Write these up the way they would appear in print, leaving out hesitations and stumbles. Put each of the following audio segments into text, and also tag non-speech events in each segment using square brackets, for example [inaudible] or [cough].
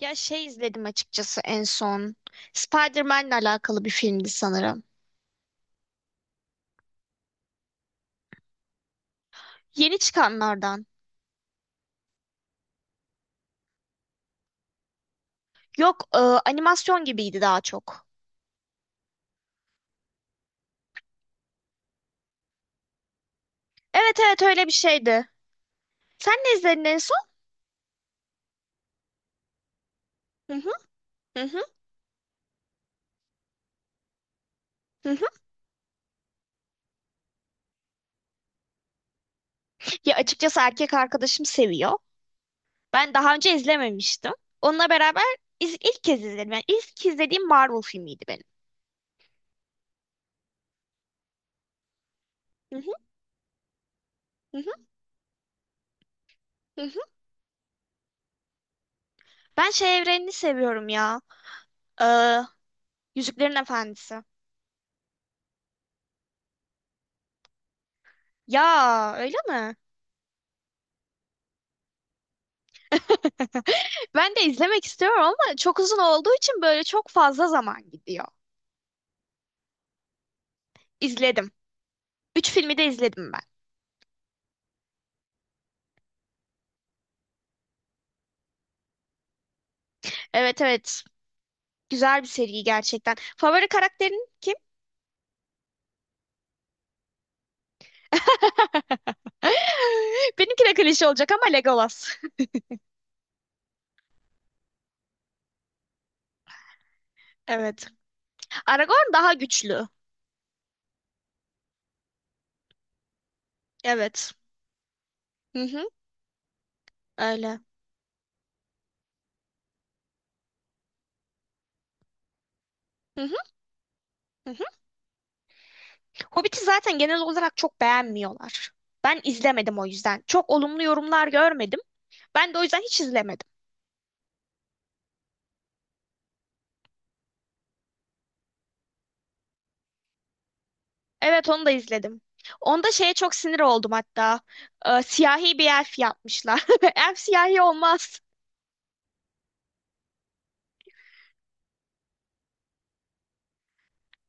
Ya şey izledim açıkçası en son. Spider-Man'le alakalı bir filmdi sanırım. Yeni çıkanlardan. Yok, animasyon gibiydi daha çok. Evet evet öyle bir şeydi. Sen ne izledin en son? Hı hı, hı hı, hı hı. Ya açıkçası erkek arkadaşım seviyor. Ben daha önce izlememiştim. Onunla beraber ilk kez izledim. Yani ilk izlediğim Marvel filmiydi benim. Hı hı, hı hı, hı hı. Ben şey evrenini seviyorum ya. E, Yüzüklerin Efendisi. Ya öyle mi? Ben de izlemek istiyorum ama çok uzun olduğu için böyle çok fazla zaman gidiyor. İzledim. Üç filmi de izledim ben. Evet evet. Güzel bir seri gerçekten. Favori karakterin kim? [laughs] Benimki de klişe olacak ama Legolas. [laughs] Evet. Aragorn daha güçlü. Evet. Hı hı, öyle. Hı hı, hı hı. Hobbit'i zaten genel olarak çok beğenmiyorlar. Ben izlemedim o yüzden. Çok olumlu yorumlar görmedim. Ben de o yüzden hiç izlemedim. Evet onu da izledim. Onda şeye çok sinir oldum hatta. Siyahi bir elf yapmışlar. [laughs] Elf siyahi olmaz.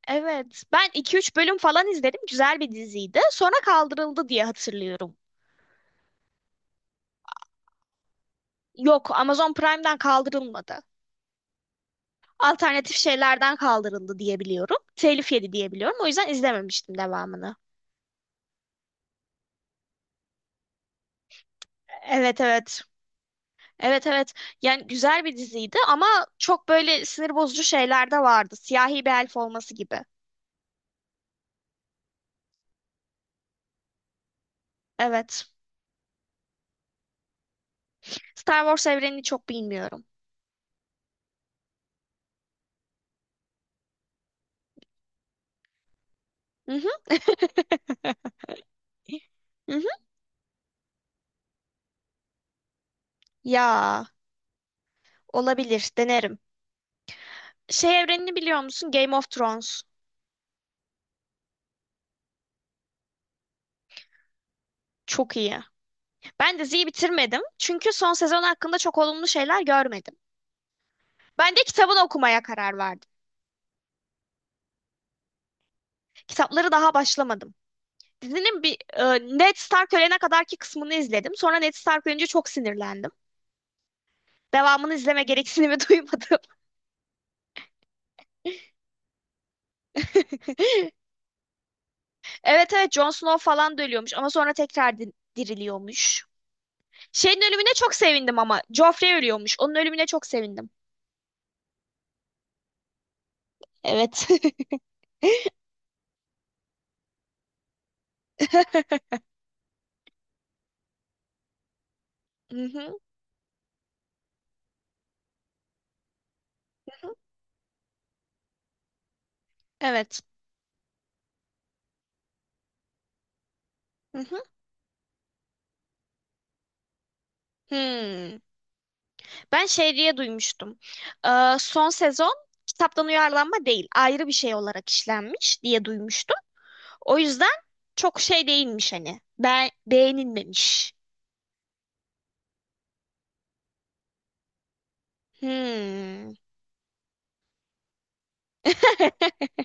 Evet. Ben iki üç bölüm falan izledim. Güzel bir diziydi. Sonra kaldırıldı diye hatırlıyorum. Yok, Amazon Prime'den kaldırılmadı. Alternatif şeylerden kaldırıldı diye biliyorum. Telif yedi diye biliyorum. O yüzden izlememiştim devamını. Evet evet. Evet evet. Yani güzel bir diziydi ama çok böyle sinir bozucu şeyler de vardı. Siyahi bir elf olması gibi. Evet. Star Wars evrenini çok bilmiyorum. Hı hı. [laughs] Hı hı. Ya olabilir denerim. Şey evrenini biliyor musun? Game of Thrones. Çok iyi. Ben diziyi bitirmedim. Çünkü son sezon hakkında çok olumlu şeyler görmedim. Ben de kitabını okumaya karar verdim. Kitapları daha başlamadım. Dizinin bir Ned Stark ölene kadarki kısmını izledim. Sonra Ned Stark ölünce çok sinirlendim. Devamını izleme gereksinimi [laughs] duymadım. [laughs] Evet evet Jon Snow falan da ölüyormuş ama sonra tekrar diriliyormuş. Şeyin ölümüne çok sevindim ama. Joffrey ölüyormuş. Onun ölümüne çok sevindim. Evet. [laughs] Hı hı, hı hı. Evet. Hı hı. Hmm. Ben şey diye duymuştum. Son sezon kitaptan uyarlanma değil, ayrı bir şey olarak işlenmiş diye duymuştum. O yüzden çok şey değilmiş hani. Ben beğenilmemiş. Hmm. [laughs]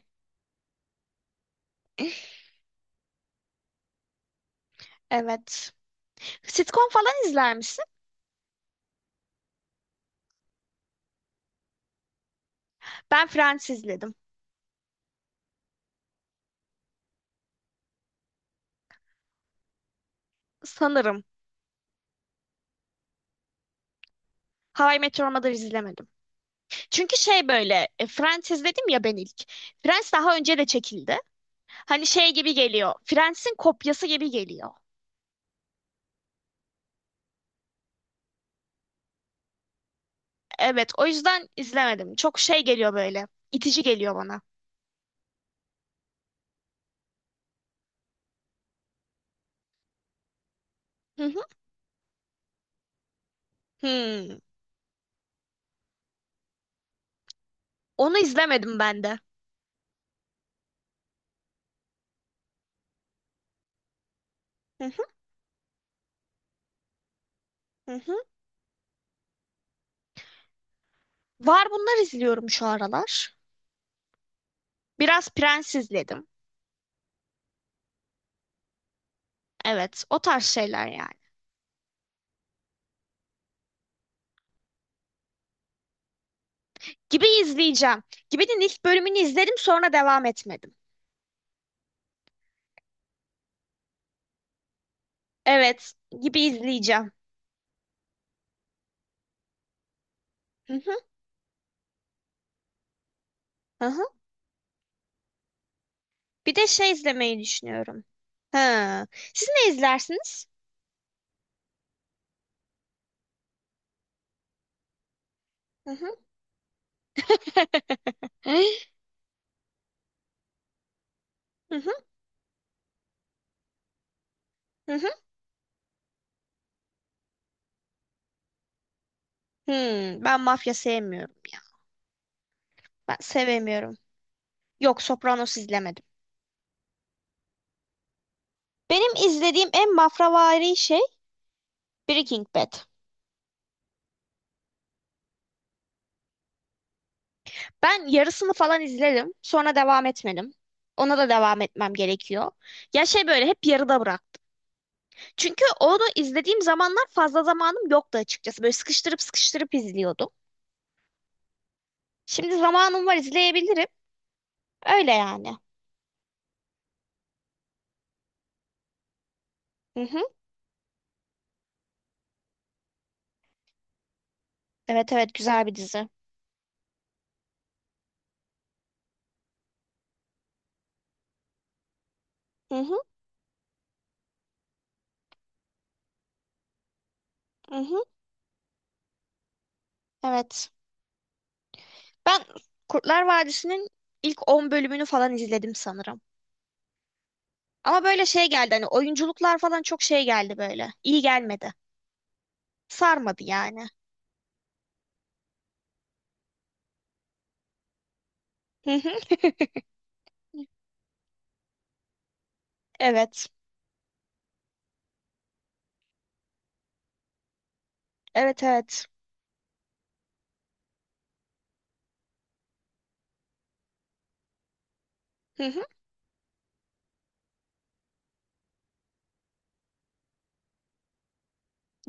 Evet. Sitcom falan izler misin? Ben Friends izledim. Sanırım. How I Met Your Mother izlemedim. Çünkü şey böyle Friends dedim ya ben ilk. Friends daha önce de çekildi. Hani şey gibi geliyor. Friends'in kopyası gibi geliyor. Evet o yüzden izlemedim. Çok şey geliyor böyle. İtici geliyor bana. Hı hı. Hmm. Onu izlemedim ben de. Hı hı, hı hı. Var bunlar izliyorum şu aralar. Biraz Prens izledim. Evet o tarz şeyler yani. Gibi izleyeceğim. Gibi'nin ilk bölümünü izledim sonra devam etmedim. Evet gibi izleyeceğim. Hı hı. Hı hı. Bir de şey izlemeyi düşünüyorum. Ha. Siz ne izlersiniz? Hı hı. [laughs] Hı hı. Hı hı. Hmm, ben mafya sevmiyorum ya. Ben sevemiyorum. Yok, Sopranos izlemedim. Benim izlediğim en mafravari şey Breaking Bad. Ben yarısını falan izledim. Sonra devam etmedim. Ona da devam etmem gerekiyor. Ya şey böyle hep yarıda bırak. Çünkü onu izlediğim zamanlar fazla zamanım yoktu açıkçası. Böyle sıkıştırıp sıkıştırıp izliyordum. Şimdi zamanım var izleyebilirim. Öyle yani. Hı hı. Evet evet güzel bir dizi. Hı hı. Hı hı. Evet. Ben Kurtlar Vadisi'nin ilk 10 bölümünü falan izledim sanırım. Ama böyle şey geldi hani oyunculuklar falan çok şey geldi böyle. İyi gelmedi. Sarmadı yani. Hı hı. [laughs] Evet. Evet evet. Hı hı.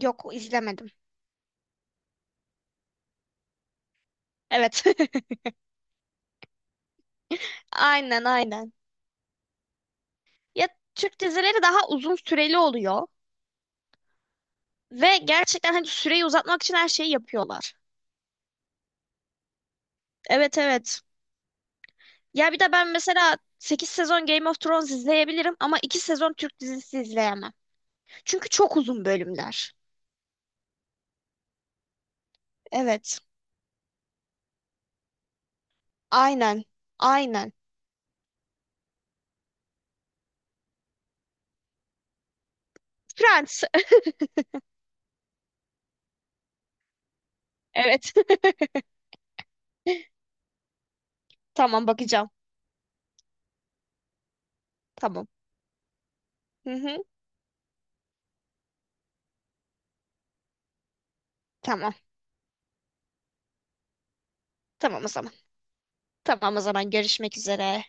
Yok izlemedim. Evet. [laughs] Aynen aynen. Ya Türk dizileri daha uzun süreli oluyor ve gerçekten hani süreyi uzatmak için her şeyi yapıyorlar. Evet evet. Ya bir de ben mesela 8 sezon Game of Thrones izleyebilirim ama 2 sezon Türk dizisi izleyemem. Çünkü çok uzun bölümler. Evet. Aynen. Aynen. Friends. [laughs] Evet. [laughs] Tamam bakacağım. Tamam. Hı hı. Tamam. Tamam o zaman. Tamam o zaman görüşmek üzere.